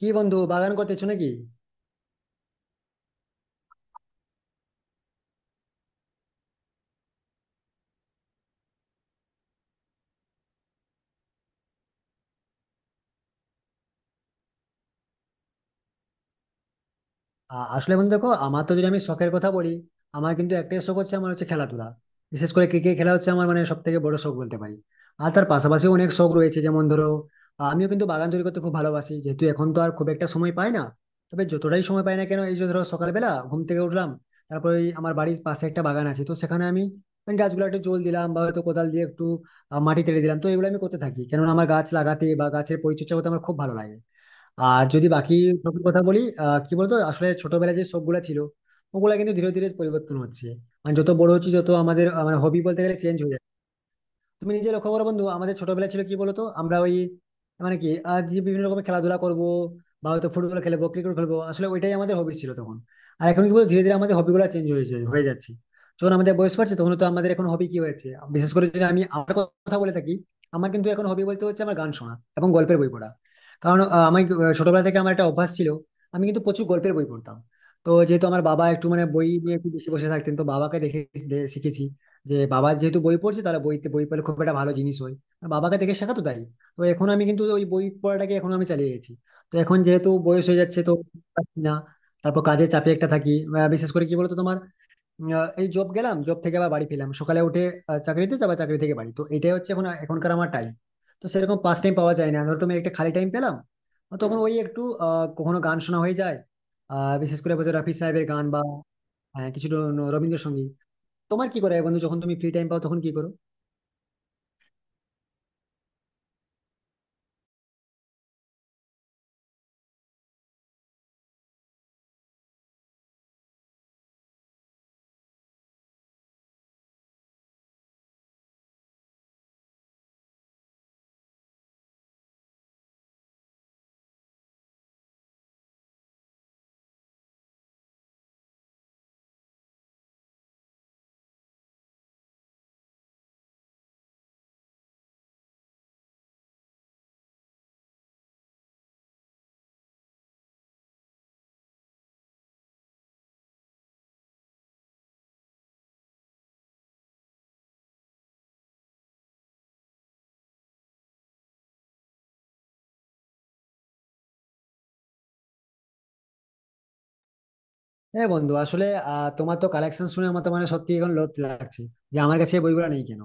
কি বন্ধু বাগান করতেছো নাকি? আসলে বন্ধু দেখো আমার তো, যদি আমি শখের কথা বলি, আমার কিন্তু একটাই শখ হচ্ছে, আমার হচ্ছে খেলাধুলা। বিশেষ করে ক্রিকেট খেলা হচ্ছে আমার মানে সব থেকে বড় শখ বলতে পারি। আর তার পাশাপাশি অনেক শখ রয়েছে, যেমন ধরো, আমিও কিন্তু বাগান তৈরি করতে খুব ভালোবাসি, যেহেতু এখন তো আর খুব একটা সময় পাই না। তবে যতটাই সময় পাই না কেন, এই যে ধরো সকালবেলা ঘুম থেকে উঠলাম, তারপরে ওই আমার বাড়ির পাশে একটা বাগান আছে তো সেখানে আমি ওই গাছগুলো একটু জল দিলাম, বা হয়তো কোদাল দিয়ে একটু মাটি তেড়ে দিলাম। তো এগুলো আমি করতে থাকি, কেননা আমার গাছ লাগাতে বা গাছের পরিচর্যা করতে আমার খুব ভালো লাগে। আর যদি বাকি শখের কথা বলি, কি বলতো, আসলে ছোটবেলায় যে শখ গুলা ছিল, ওগুলা কিন্তু ধীরে ধীরে পরিবর্তন হচ্ছে। মানে যত বড় হচ্ছে, যত আমাদের মানে হবি বলতে গেলে চেঞ্জ হয়ে যাচ্ছে। তুমি নিজে লক্ষ্য করো বন্ধু, আমাদের ছোটবেলা ছিল কি বলতো, আমরা ওই মানে কি, আজ যে বিভিন্ন রকমের খেলাধুলা করবো বা হয়তো ফুটবল খেলবো, ক্রিকেট খেলবো, আসলে ওইটাই আমাদের হবি ছিল তখন। আর এখন কি বলতো, ধীরে ধীরে আমাদের হবি গুলো চেঞ্জ হয়েছে, হয়ে যাচ্ছে। যখন আমাদের বয়স বাড়ছে, তখন তো আমাদের এখন হবি কি হয়েছে? বিশেষ করে যদি আমি আমার কথা বলে থাকি, আমার কিন্তু এখন হবি বলতে হচ্ছে আমার গান শোনা এবং গল্পের বই পড়া। কারণ আমি ছোটবেলা থেকে আমার একটা অভ্যাস ছিল, আমি কিন্তু প্রচুর গল্পের বই পড়তাম। তো যেহেতু আমার বাবা একটু মানে বই নিয়ে একটু বেশি বসে থাকতেন, তো বাবাকে দেখে শিখেছি যে, বাবা যেহেতু বই পড়ছে, তাহলে বইতে বই পড়লে খুব একটা ভালো জিনিস হয়। আর বাবাকে দেখে শেখা তো, তাই তো এখন আমি কিন্তু ওই বই পড়াটাকে এখন আমি চালিয়ে গেছি। তো এখন যেহেতু বয়স হয়ে যাচ্ছে তো পারছি না। তারপর কাজের চাপে একটা থাকি, বিশেষ করে কি বলতো তোমার, এই জব গেলাম, জব থেকে আবার বাড়ি ফিরলাম, সকালে উঠে চাকরিতে যাবা, চাকরি থেকে বাড়ি, তো এটাই হচ্ছে এখন এখনকার আমার টাইম। তো সেরকম পাস টাইম পাওয়া যায় না, ধরো তুমি একটা খালি টাইম পেলাম, তখন ওই একটু কখনো গান শোনা হয়ে যায়। বিশেষ করে বলতে রফি সাহেবের গান বা কিছু রবীন্দ্রসঙ্গীত। তোমার কি করা হয় বন্ধু, যখন তুমি ফ্রি টাইম পাও তখন কি করো? হ্যাঁ বন্ধু, আসলে তোমার তো কালেকশন শুনে আমার তো মানে সত্যি এখন লোভ লাগছে যে আমার কাছে এই বইগুলো নেই কেন।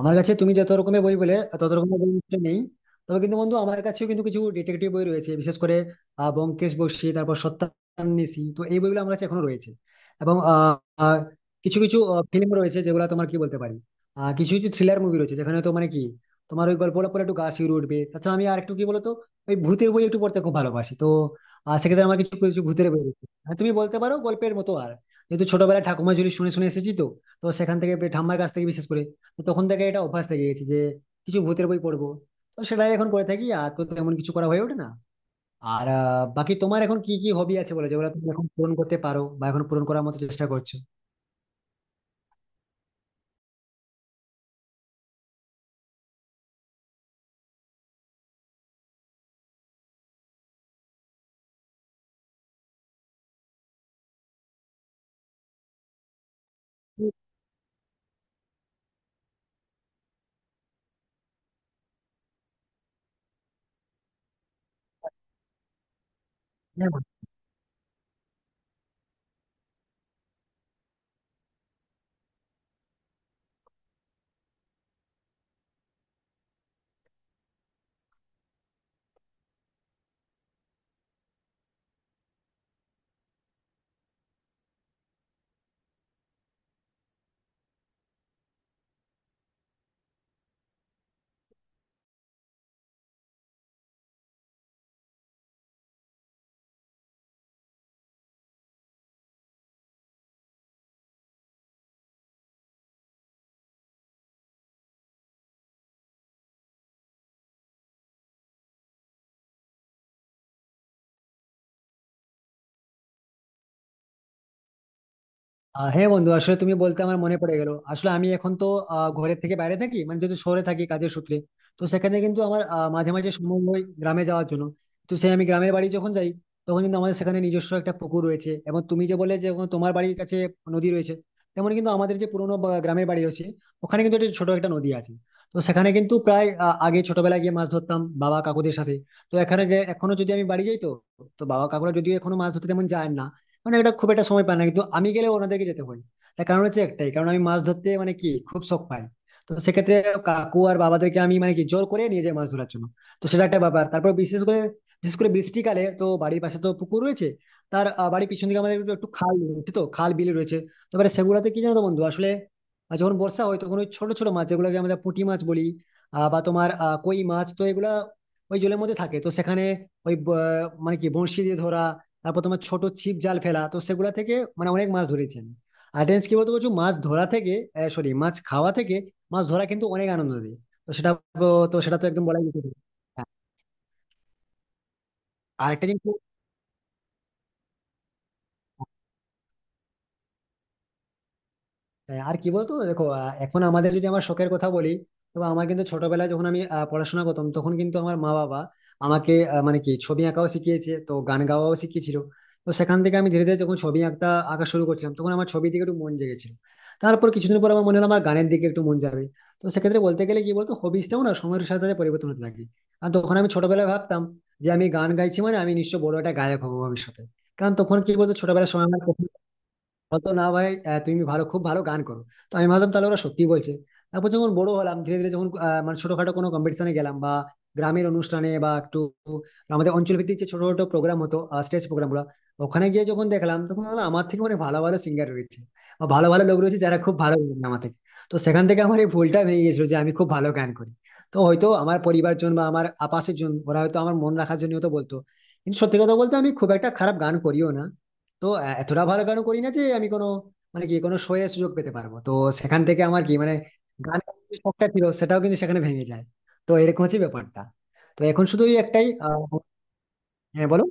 আমার কাছে তুমি যত রকমের বই বলে তত রকমের বই নিশ্চয়ই নেই। তবে কিন্তু বন্ধু আমার কাছেও কিন্তু কিছু ডিটেকটিভ বই রয়েছে, বিশেষ করে ব্যোমকেশ বক্সী, তারপর সত্যান্বেষী, তো এই বইগুলো আমার কাছে এখনো রয়েছে। এবং আহ, আহ, কিছু কিছু ফিল্ম রয়েছে যেগুলো তোমার কি বলতে পারি, কিছু কিছু থ্রিলার মুভি রয়েছে যেখানে তো মানে কি তোমার ওই গল্পটা পরে একটু গা শিউরে উঠবে। তাছাড়া আমি আর একটু কি বলতো, ওই ভূতের বই একটু পড়তে খুব ভালোবাসি। তো সেক্ষেত্রে আমার কিছু কিছু ভূতের বই রয়েছে। হ্যাঁ, তুমি বলতে পারো গল্পের মতো। আর যেহেতু ছোটবেলায় ঠাকুমা ঝুলি শুনে শুনে এসেছি, তো তো সেখান থেকে ঠাম্মার কাছ থেকে বিশেষ করে, তো তখন থেকে এটা অভ্যাস থেকে গেছে যে কিছু ভূতের বই পড়বো। তো সেটাই এখন করে থাকি, আর তো তেমন কিছু করা হয়ে ওঠে না। আর বাকি তোমার এখন কি কি হবি আছে বলে যেগুলো তুমি এখন পূরণ করতে পারো বা এখন পূরণ করার মতো চেষ্টা করছো? হ্যাঁ বন্ধু, আসলে তুমি বলতে আমার মনে পড়ে গেল। আসলে আমি এখন তো ঘরের থেকে বাইরে থাকি, মানে যেহেতু শহরে থাকি কাজের সূত্রে, তো সেখানে কিন্তু আমার মাঝে মাঝে সময় হয় গ্রামে যাওয়ার জন্য। তো সেই আমি গ্রামের বাড়ি যখন যাই, তখন কিন্তু আমাদের সেখানে নিজস্ব একটা পুকুর রয়েছে। এবং তুমি যে বলে যে ওখানে তোমার বাড়ির কাছে নদী রয়েছে, তেমন কিন্তু আমাদের যে পুরোনো গ্রামের বাড়ি রয়েছে, ওখানে কিন্তু একটা ছোট একটা নদী আছে। তো সেখানে কিন্তু প্রায় আগে ছোটবেলায় গিয়ে মাছ ধরতাম বাবা কাকুদের সাথে। তো এখানে এখনো যদি আমি বাড়ি যাই তো, তো বাবা কাকুরা যদিও এখনো মাছ ধরতে তেমন যায় না, মানে এটা খুব একটা সময় পায় না, কিন্তু আমি গেলে ওনাদেরকে যেতে হয়। তার কারণ হচ্ছে একটাই কারণ, আমি মাছ ধরতে মানে কি খুব শখ পাই। তো সেক্ষেত্রে কাকু আর বাবাদেরকে আমি মানে কি জোর করে নিয়ে যাই মাছ ধরার জন্য। তো সেটা একটা ব্যাপার। তারপর বিশেষ করে, বিশেষ করে বৃষ্টিকালে তো বাড়ির পাশে তো পুকুর রয়েছে। তার বাড়ির পিছন দিকে আমাদের একটু একটু খাল রয়েছে, তো খাল বিল রয়েছে। তো এবারে সেগুলাতে কি জানো তো বন্ধু, আসলে যখন বর্ষা হয় তখন ওই ছোট ছোট মাছ যেগুলোকে আমরা পুঁটি মাছ বলি, বা তোমার কই মাছ, তো এগুলা ওই জলের মধ্যে থাকে। তো সেখানে ওই মানে কি বঁড়শি দিয়ে ধরা, তারপর তোমার ছোট ছিপ জাল ফেলা, তো সেগুলা থেকে মানে অনেক মাছ ধরেছি আমি। আর টেন্স কি বলতো, বলছো মাছ ধরা থেকে, সরি, মাছ খাওয়া থেকে মাছ ধরা কিন্তু অনেক আনন্দ দেয়। তো সেটা তো সেটা তো একদম বলাই যেতে পারে। হ্যাঁ, আর একটা জিনিস। হ্যাঁ, আর কি বলতো দেখো, এখন আমাদের যদি আমার শখের কথা বলি, তো আমার কিন্তু ছোটবেলায় যখন আমি পড়াশোনা করতাম, তখন কিন্তু আমার মা বাবা আমাকে মানে কি ছবি আঁকাও শিখিয়েছে, তো গান গাওয়াও শিখিয়েছিল। তো সেখান থেকে আমি ধীরে ধীরে যখন ছবি আঁকতে আঁকা শুরু করছিলাম, তখন আমার ছবি দিকে একটু মন জেগেছিল। তারপর কিছুদিন পর আমার মনে হলো আমার গানের দিকে একটু মন যাবে। তো সেক্ষেত্রে বলতে গেলে কি বলতো, হবিসটাও না সময়ের সাথে সাথে পরিবর্তন হতে লাগে। আর তখন আমি ছোটবেলায় ভাবতাম যে আমি গান গাইছি মানে আমি নিশ্চয় বড় একটা গায়ক হবো ভবিষ্যতে। কারণ তখন কি বলতো, ছোটবেলার সময় আমার বলতো না, ভাই তুমি ভালো, খুব ভালো গান করো। তো আমি ভাবলাম তাহলে ওরা সত্যি বলছে। তারপর যখন বড় হলাম, ধীরে ধীরে যখন মানে ছোটখাটো কোনো কম্পিটিশনে গেলাম, বা গ্রামের অনুষ্ঠানে বা একটু আমাদের অঞ্চল ভিত্তিক যে ছোট ছোট প্রোগ্রাম হতো, স্টেজ প্রোগ্রাম গুলো, ওখানে গিয়ে যখন দেখলাম, তখন বললাম, আমার থেকে অনেক ভালো ভালো সিঙ্গার রয়েছে বা ভালো ভালো লোক রয়েছে যারা খুব ভালো গান আমার থেকে। তো সেখান থেকে আমার এই ভুলটা ভেঙে গেছিল যে আমি খুব ভালো গান করি। তো হয়তো আমার পরিবারজন বা আমার আপাশের জন ওরা হয়তো আমার মন রাখার জন্য হয়তো বলতো, কিন্তু সত্যি কথা বলতে আমি খুব একটা খারাপ গান করিও না, তো এতটা ভালো গানও করি না যে আমি কোনো মানে কি কোনো শোয়ে সুযোগ পেতে পারবো। তো সেখান থেকে আমার কি মানে গান যে শখটা ছিল সেটাও কিন্তু সেখানে ভেঙে যায়। তো এরকম হচ্ছে ব্যাপারটা। তো এখন শুধু ওই একটাই হ্যাঁ বলো।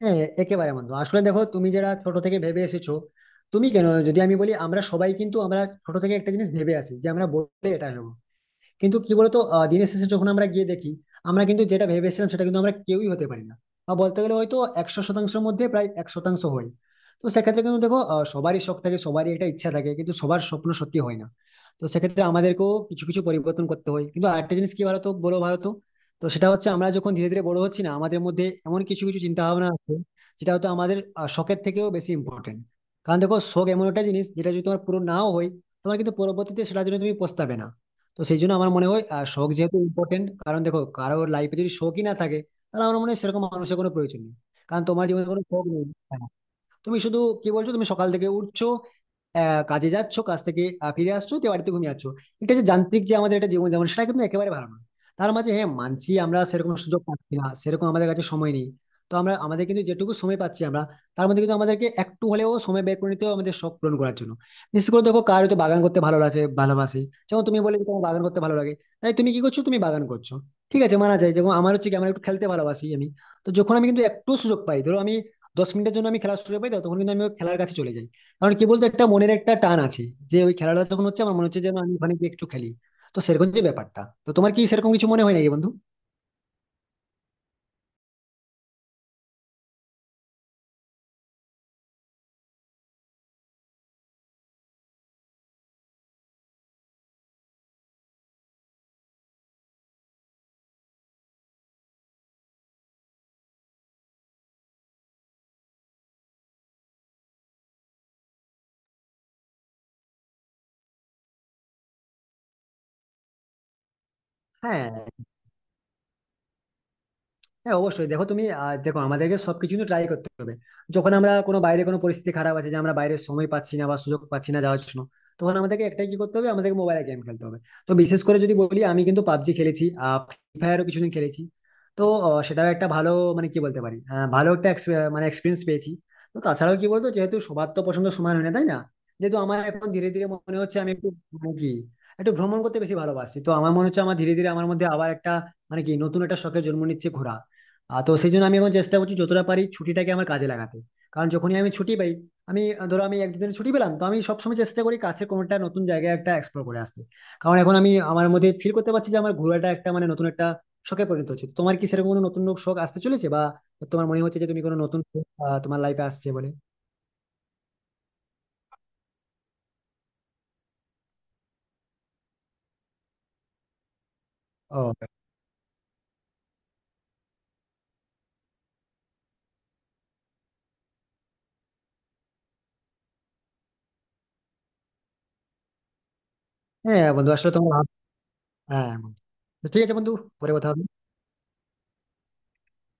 হ্যাঁ, একেবারে বন্ধু। আসলে দেখো তুমি যারা ছোট থেকে ভেবে এসেছো, তুমি কেন, যদি আমি বলি আমরা সবাই কিন্তু আমরা ছোট থেকে একটা জিনিস ভেবে আসি যে আমরা বললে এটা হবো। কিন্তু কি বলতো, দিনের শেষে যখন আমরা গিয়ে দেখি, আমরা কিন্তু যেটা ভেবেছিলাম সেটা কিন্তু আমরা কেউই হতে পারি না। বা বলতে গেলে হয়তো 100 শতাংশের মধ্যে প্রায় 1 শতাংশ হয়। তো সেক্ষেত্রে কিন্তু দেখো, সবারই শখ থাকে, সবারই একটা ইচ্ছা থাকে, কিন্তু সবার স্বপ্ন সত্যি হয় না। তো সেক্ষেত্রে আমাদেরকেও কিছু কিছু পরিবর্তন করতে হয়। কিন্তু আরেকটা জিনিস কি বলতো, বলো ভারত তো, তো সেটা হচ্ছে আমরা যখন ধীরে ধীরে বড় হচ্ছি না, আমাদের মধ্যে এমন কিছু কিছু চিন্তা ভাবনা আছে যেটা হয়তো আমাদের শখের থেকেও বেশি ইম্পর্টেন্ট। কারণ দেখো শখ এমন একটা জিনিস যেটা যদি তোমার পুরো নাও হয়, তোমার কিন্তু পরবর্তীতে সেটার জন্য তুমি পস্তাবে না। তো সেই জন্য আমার মনে হয় শখ যেহেতু ইম্পর্টেন্ট, কারণ দেখো কারোর লাইফে যদি শখই না থাকে, তাহলে আমার মনে হয় সেরকম মানুষের কোনো প্রয়োজন নেই। কারণ তোমার জীবনে কোনো শখ নেই, তুমি শুধু কি বলছো, তুমি সকাল থেকে উঠছো, কাজে যাচ্ছ, কাজ থেকে ফিরে আসছো, দিয়ে বাড়িতে ঘুমিয়ে যাচ্ছ। এটা যে যান্ত্রিক যে আমাদের একটা জীবন যেমন, সেটা কিন্তু একেবারে ভালো না। তার মাঝে হ্যাঁ মানছি, আমরা সেরকম সুযোগ পাচ্ছি না, সেরকম আমাদের কাছে সময় নেই। তো আমরা আমাদের কিন্তু যেটুকু সময় পাচ্ছি আমরা, তার মধ্যে কিন্তু আমাদেরকে একটু হলেও সময় বের করে নিতে হবে আমাদের শখ পূরণ করার জন্য। বিশেষ করে দেখো, কার হয়তো বাগান করতে ভালো লাগে, ভালোবাসে, যেমন তুমি বলে যে তোমার বাগান করতে ভালো লাগে, তাই তুমি কি করছো, তুমি বাগান করছো, ঠিক আছে মানা যায়। যেমন আমার হচ্ছে কি, আমার একটু খেলতে ভালোবাসি আমি, তো যখন আমি কিন্তু একটু সুযোগ পাই, ধরো আমি 10 মিনিটের জন্য আমি খেলা শুরু পাই, তো তখন কিন্তু আমি ওই খেলার কাছে চলে যাই। কারণ কি বলতো, একটা মনের একটা টান আছে যে ওই খেলাটা যখন হচ্ছে আমার মনে হচ্ছে যেন আমি ওখানে গিয়ে একটু খেলি। তো সেরকম যে ব্যাপারটা। তো তোমার কি সেরকম কিছু মনে হয় নাকি বন্ধু? হ্যাঁ, হ্যাঁ অবশ্যই। দেখো তুমি দেখো আমাদেরকে সবকিছু কিন্তু ট্রাই করতে হবে। যখন আমরা কোনো বাইরে কোনো পরিস্থিতি খারাপ আছে যে আমরা বাইরে সময় পাচ্ছি না বা সুযোগ পাচ্ছি না যাওয়ার জন্য, তখন আমাদেরকে একটাই কি করতে হবে, আমাদেরকে মোবাইলে গেম খেলতে হবে। তো বিশেষ করে যদি বলি, আমি কিন্তু পাবজি খেলেছি, ফ্রি ফায়ারও কিছুদিন খেলেছি। তো সেটাও একটা ভালো মানে কি বলতে পারি, ভালো একটা মানে এক্সপিরিয়েন্স পেয়েছি। তো তাছাড়াও কি বলতো, যেহেতু সবার তো পছন্দ সমান হয় না তাই না। যেহেতু আমার এখন ধীরে ধীরে মনে হচ্ছে আমি একটু মানে কি একটু ভ্রমণ করতে বেশি ভালোবাসি, তো আমার মনে হচ্ছে আমার ধীরে ধীরে আমার মধ্যে আবার একটা মানে কি নতুন একটা শখের জন্ম নিচ্ছে ঘোরা। আর তো সেই জন্য আমি এখন চেষ্টা করছি যতটা পারি ছুটিটাকে আমার কাজে লাগাতে। কারণ যখনই আমি ছুটি পাই, আমি ধরো আমি এক দুদিন ছুটি পেলাম, তো আমি সবসময় চেষ্টা করি কাছে কোনোটা নতুন জায়গায় একটা এক্সপ্লোর করে আসতে। কারণ এখন আমি আমার মধ্যে ফিল করতে পারছি যে আমার ঘোরাটা একটা মানে নতুন একটা শখে পরিণত হচ্ছে। তোমার কি সেরকম কোনো নতুন শখ আসতে চলেছে বা তোমার মনে হচ্ছে যে তুমি কোনো নতুন শখ, তোমার লাইফে আসছে বলে? ও হ্যাঁ বন্ধু, আসলে তোমার হ্যাঁ বন্ধু, তো ঠিক আছে বন্ধু, পরে কথা হবে।